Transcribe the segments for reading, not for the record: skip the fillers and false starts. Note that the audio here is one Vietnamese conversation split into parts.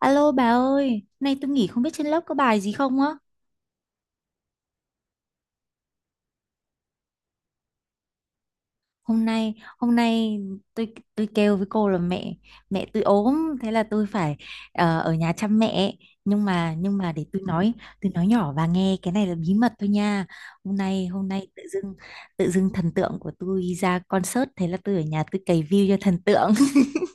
Alo bà ơi, nay tôi nghỉ không biết trên lớp có bài gì không á. Hôm nay, tôi kêu với cô là mẹ mẹ tôi ốm, thế là tôi phải ở nhà chăm mẹ. Nhưng mà để tôi nói nhỏ bà nghe, cái này là bí mật thôi nha. Hôm nay tự dưng thần tượng của tôi ra concert, thế là tôi ở nhà tôi cày view cho thần tượng.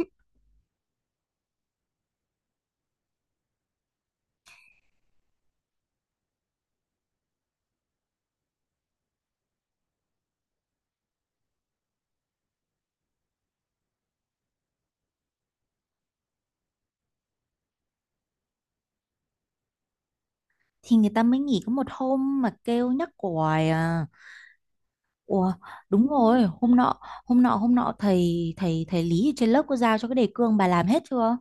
Thì người ta mới nghỉ có một hôm mà kêu nhắc hoài à. Ủa, đúng rồi, hôm nọ thầy thầy thầy Lý ở trên lớp có giao cho cái đề cương, bà làm hết chưa?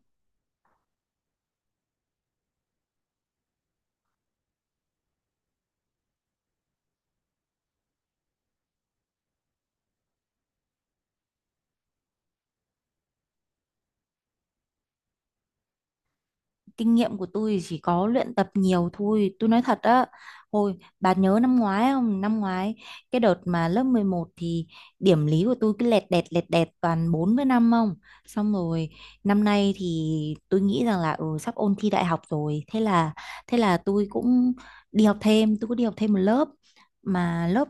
Kinh nghiệm của tôi chỉ có luyện tập nhiều thôi, tôi nói thật á. Hồi bà nhớ năm ngoái không, năm ngoái cái đợt mà lớp 11 thì điểm lý của tôi cứ lẹt đẹt toàn 4 với 5 không. Xong rồi năm nay thì tôi nghĩ rằng là ừ, sắp ôn thi đại học rồi, thế là tôi cũng đi học thêm, tôi có đi học thêm một lớp, mà lớp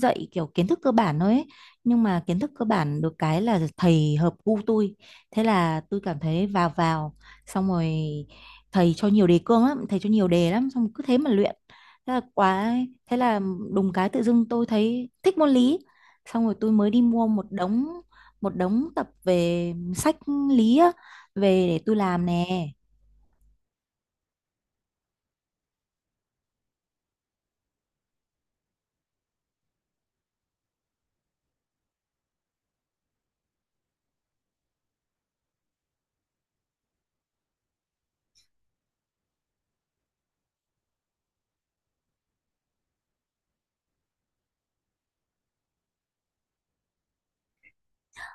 dạy kiểu kiến thức cơ bản thôi ấy. Nhưng mà kiến thức cơ bản được cái là thầy hợp gu tôi, thế là tôi cảm thấy vào vào, xong rồi thầy cho nhiều đề cương lắm, thầy cho nhiều đề lắm, xong cứ thế mà luyện, thế là quá. Thế là đùng cái tự dưng tôi thấy thích môn lý, xong rồi tôi mới đi mua một đống tập về, sách lý á, về để tôi làm nè.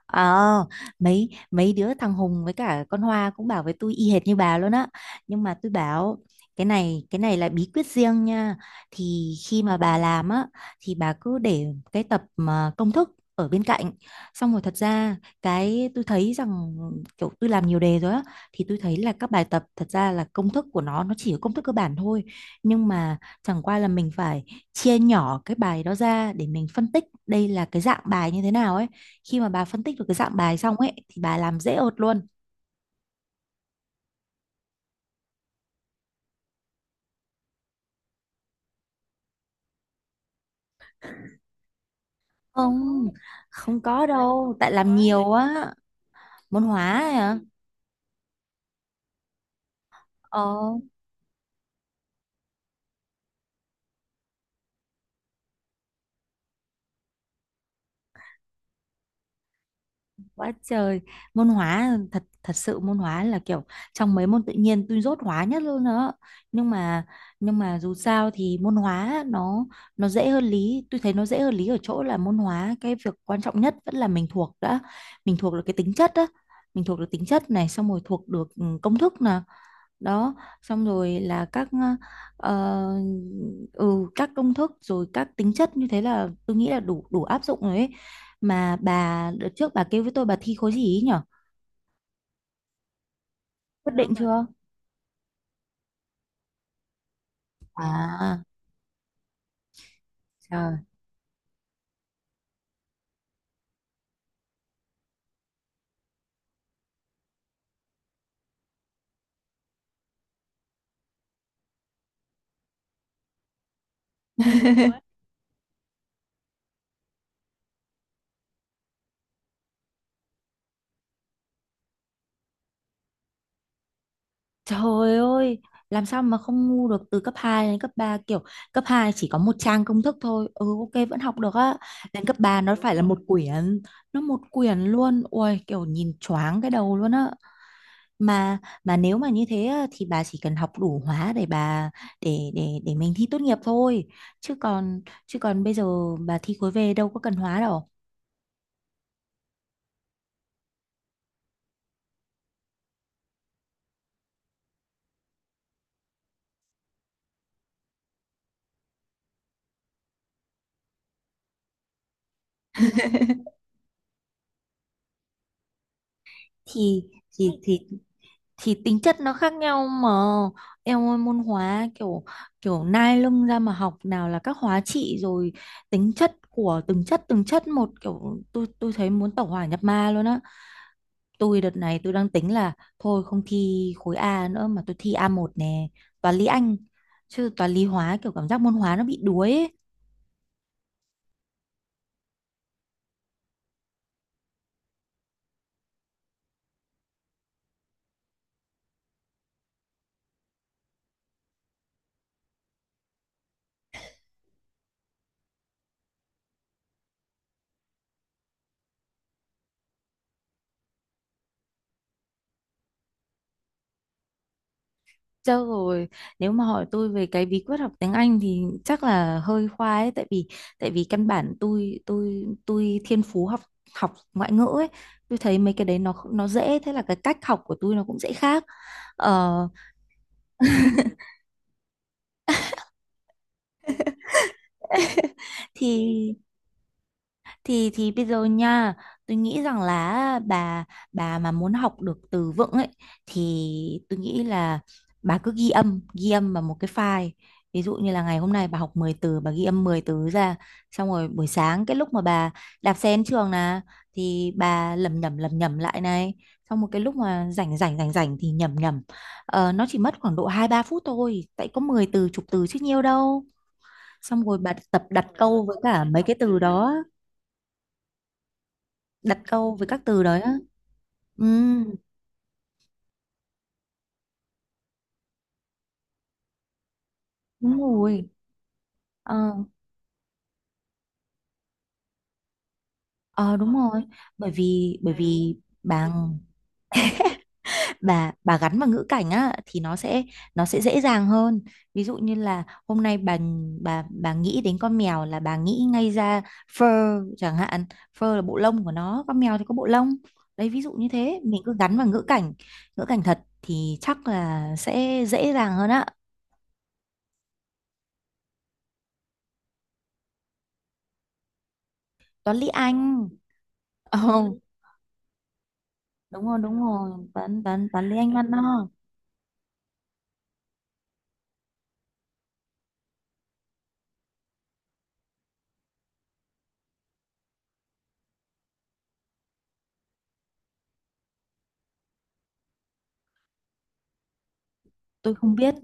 Ờ, mấy mấy đứa thằng Hùng với cả con Hoa cũng bảo với tôi y hệt như bà luôn á. Nhưng mà tôi bảo cái này là bí quyết riêng nha. Thì khi mà bà làm á thì bà cứ để cái tập mà công thức ở bên cạnh. Xong rồi thật ra cái tôi thấy rằng kiểu tôi làm nhiều đề rồi á, thì tôi thấy là các bài tập thật ra là công thức của nó chỉ có công thức cơ bản thôi. Nhưng mà chẳng qua là mình phải chia nhỏ cái bài đó ra để mình phân tích đây là cái dạng bài như thế nào ấy. Khi mà bà phân tích được cái dạng bài xong ấy thì bà làm dễ ợt luôn. Không, không có đâu, tại làm nhiều á. Môn hóa ấy hả? Ờ. Quá trời, môn hóa thật thật sự, môn hóa là kiểu trong mấy môn tự nhiên tôi dốt hóa nhất luôn đó. Nhưng mà nhưng mà dù sao thì môn hóa nó dễ hơn lý, tôi thấy nó dễ hơn lý ở chỗ là môn hóa cái việc quan trọng nhất vẫn là mình thuộc đã, mình thuộc được cái tính chất đó, mình thuộc được tính chất này, xong rồi thuộc được ừ, công thức nè, đó, xong rồi là các ờ, ừ các công thức rồi các tính chất, như thế là tôi nghĩ là đủ đủ áp dụng rồi ấy. Mà bà đợt trước bà kêu với tôi bà thi khối gì ý nhở, quyết định chưa? À trời. Trời ơi, làm sao mà không ngu được, từ cấp 2 đến cấp 3 kiểu cấp 2 chỉ có một trang công thức thôi. Ừ ok vẫn học được á. Đến cấp 3 nó phải là một quyển, nó một quyển luôn. Ui kiểu nhìn choáng cái đầu luôn á. mà mà nếu mà như thế á, thì bà chỉ cần học đủ hóa để bà để mình thi tốt nghiệp thôi, chứ còn chứ còn bây giờ bà thi khối về đâu có cần hóa đâu. Thì thì thì thì tính chất nó khác nhau mà, em ơi. Môn hóa kiểu kiểu nai lưng ra mà học, nào là các hóa trị, rồi tính chất của từng chất một, kiểu tôi thấy muốn tẩu hỏa nhập ma luôn á. Tôi đợt này tôi đang tính là thôi không thi khối A nữa, mà tôi thi A1 nè, toán lý Anh. Chứ toán lý hóa kiểu cảm giác môn hóa nó bị đuối ấy. Chứ rồi nếu mà hỏi tôi về cái bí quyết học tiếng Anh thì chắc là hơi khoai ấy, tại vì căn bản tôi thiên phú học học ngoại ngữ ấy. Tôi thấy mấy cái đấy nó dễ, thế là cái cách học của tôi nó cũng dễ khác. Ờ. thì thì bây giờ nha, tôi nghĩ rằng là bà mà muốn học được từ vựng ấy, thì tôi nghĩ là bà cứ ghi âm vào một cái file, ví dụ như là ngày hôm nay bà học 10 từ, bà ghi âm 10 từ ra, xong rồi buổi sáng cái lúc mà bà đạp xe đến trường là thì bà lẩm nhẩm lại này, xong một cái lúc mà rảnh rảnh rảnh rảnh thì nhẩm nhẩm, nó chỉ mất khoảng độ 2-3 phút thôi, tại có 10 từ chục từ chứ nhiều đâu, xong rồi bà tập đặt câu với cả mấy cái từ đó, đặt câu với các từ đấy á. Ừ, đúng rồi. ờ ờ Đúng rồi, bởi vì bà bà gắn vào ngữ cảnh á thì nó sẽ dễ dàng hơn. Ví dụ như là hôm nay bà nghĩ đến con mèo là bà nghĩ ngay ra fur chẳng hạn, fur là bộ lông của nó, con mèo thì có bộ lông, đấy ví dụ như thế, mình cứ gắn vào ngữ cảnh. Ngữ cảnh thật thì chắc là sẽ dễ dàng hơn á. Toán lý Anh. Ồ, đúng rồi, đúng rồi, toán toán toán lý anh văn đó. Tôi không biết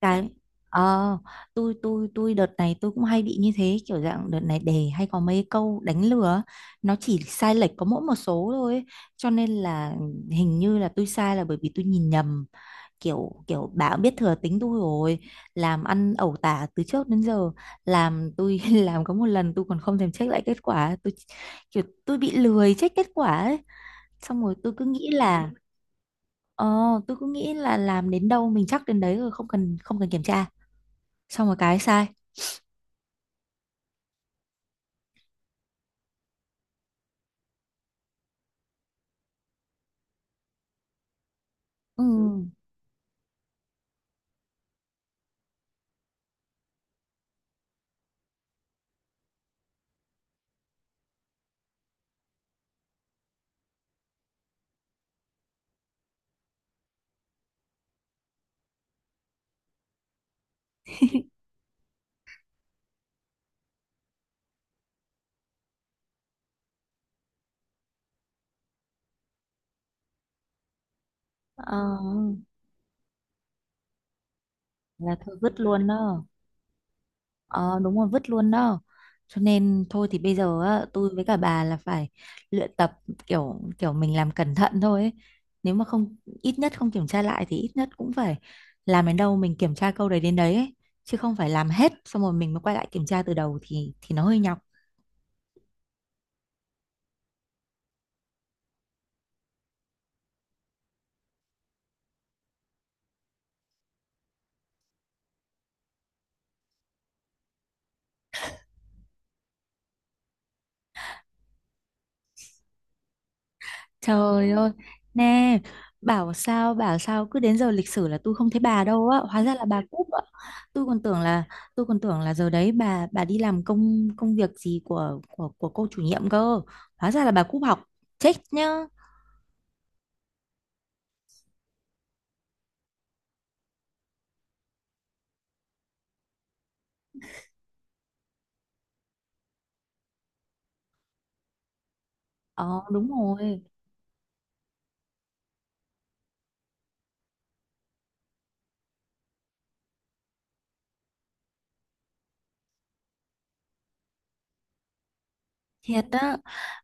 cái, ờ tôi đợt này tôi cũng hay bị như thế, kiểu dạng đợt này đề hay có mấy câu đánh lừa á, nó chỉ sai lệch có mỗi một số thôi ấy, cho nên là hình như là tôi sai là bởi vì tôi nhìn nhầm, kiểu kiểu bà cũng biết thừa tính tôi rồi, làm ăn ẩu tả từ trước đến giờ, làm tôi làm có một lần tôi còn không thèm check lại kết quả, tôi kiểu tôi bị lười check kết quả ấy, xong rồi tôi cứ nghĩ là ờ làm đến đâu mình chắc đến đấy rồi, không cần kiểm tra, xong rồi cái sai. Ừ. ờ, là thôi vứt luôn đó. Ờ đúng rồi, vứt luôn đó, cho nên thôi thì bây giờ á, tôi với cả bà là phải luyện tập, kiểu kiểu mình làm cẩn thận thôi ấy. Nếu mà không, ít nhất không kiểm tra lại thì ít nhất cũng phải làm đến đâu mình kiểm tra câu đấy đến đấy ấy, chứ không phải làm hết xong rồi mình mới quay lại kiểm tra từ đầu thì nó hơi nháo. Trời ơi, nè, bảo sao cứ đến giờ lịch sử là tôi không thấy bà đâu á, hóa ra là bà cúp á. Tôi còn tưởng là tôi còn tưởng là giờ đấy bà đi làm công công việc gì của cô chủ nhiệm cơ. Hóa ra là bà cúp học. Chết nhá. Ờ đúng rồi. Thiệt á.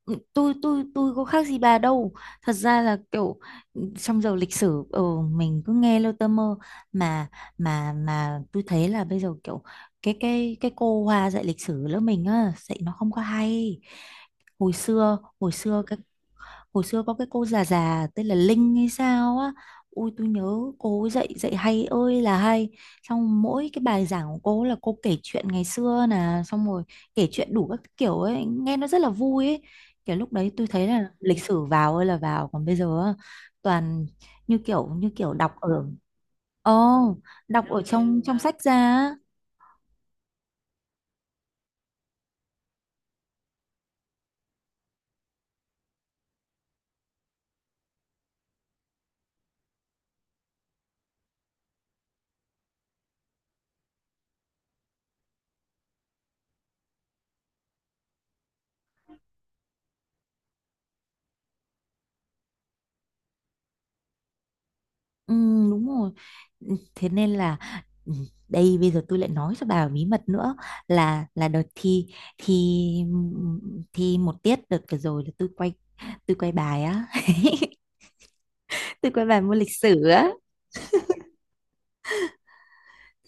Ừ, tôi có khác gì bà đâu. Thật ra là kiểu ừ, trong giờ lịch sử ừ, mình cứ nghe lơ tơ mơ, mà mà tôi thấy là bây giờ kiểu cái cô Hoa dạy lịch sử lớp mình á dạy nó không có hay. Hồi xưa hồi xưa cái hồi xưa có cái cô già già tên là Linh hay sao á, ui tôi nhớ cô dạy dạy hay ơi là hay, xong mỗi cái bài giảng của cô là cô kể chuyện ngày xưa nè, xong rồi kể chuyện đủ các kiểu ấy, nghe nó rất là vui ấy, kiểu lúc đấy tôi thấy là lịch sử vào ơi là vào, còn bây giờ á, toàn như kiểu đọc ở. Ồ, đọc ở trong trong sách ra á. Ừ, đúng rồi. Ừ, thế nên là ừ, đây bây giờ tôi lại nói cho bà bí mật nữa, là đợt thi, thi thi một tiết đợt vừa rồi là tôi quay, bài á, tôi quay bài môn lịch sử á.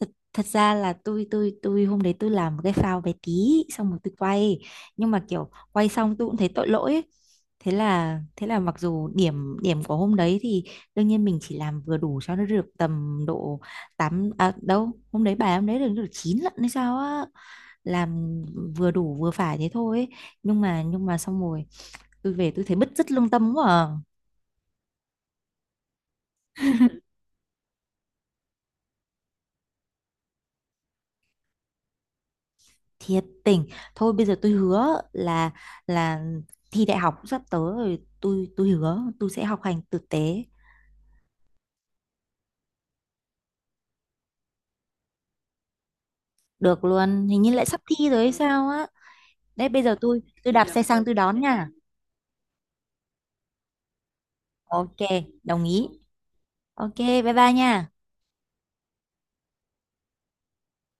Thật thật ra là tôi hôm đấy tôi làm một cái phao bé tí, xong rồi tôi quay, nhưng mà kiểu quay xong tôi cũng thấy tội lỗi ấy. Thế là mặc dù điểm điểm của hôm đấy thì đương nhiên mình chỉ làm vừa đủ cho nó được tầm độ 8, à đâu hôm đấy bài hôm đấy được được 9 lận hay sao á, làm vừa đủ vừa phải thế thôi ấy. Nhưng mà xong rồi tôi về tôi thấy bứt rứt lương tâm quá à. Thiệt tình thôi bây giờ tôi hứa là thi đại học sắp tới rồi, tôi hứa tôi sẽ học hành tử tế. Được luôn, hình như lại sắp thi rồi hay sao á, đấy bây giờ tôi đạp xe sang tôi đón nha. Ok, đồng ý. Ok, bye bye nha.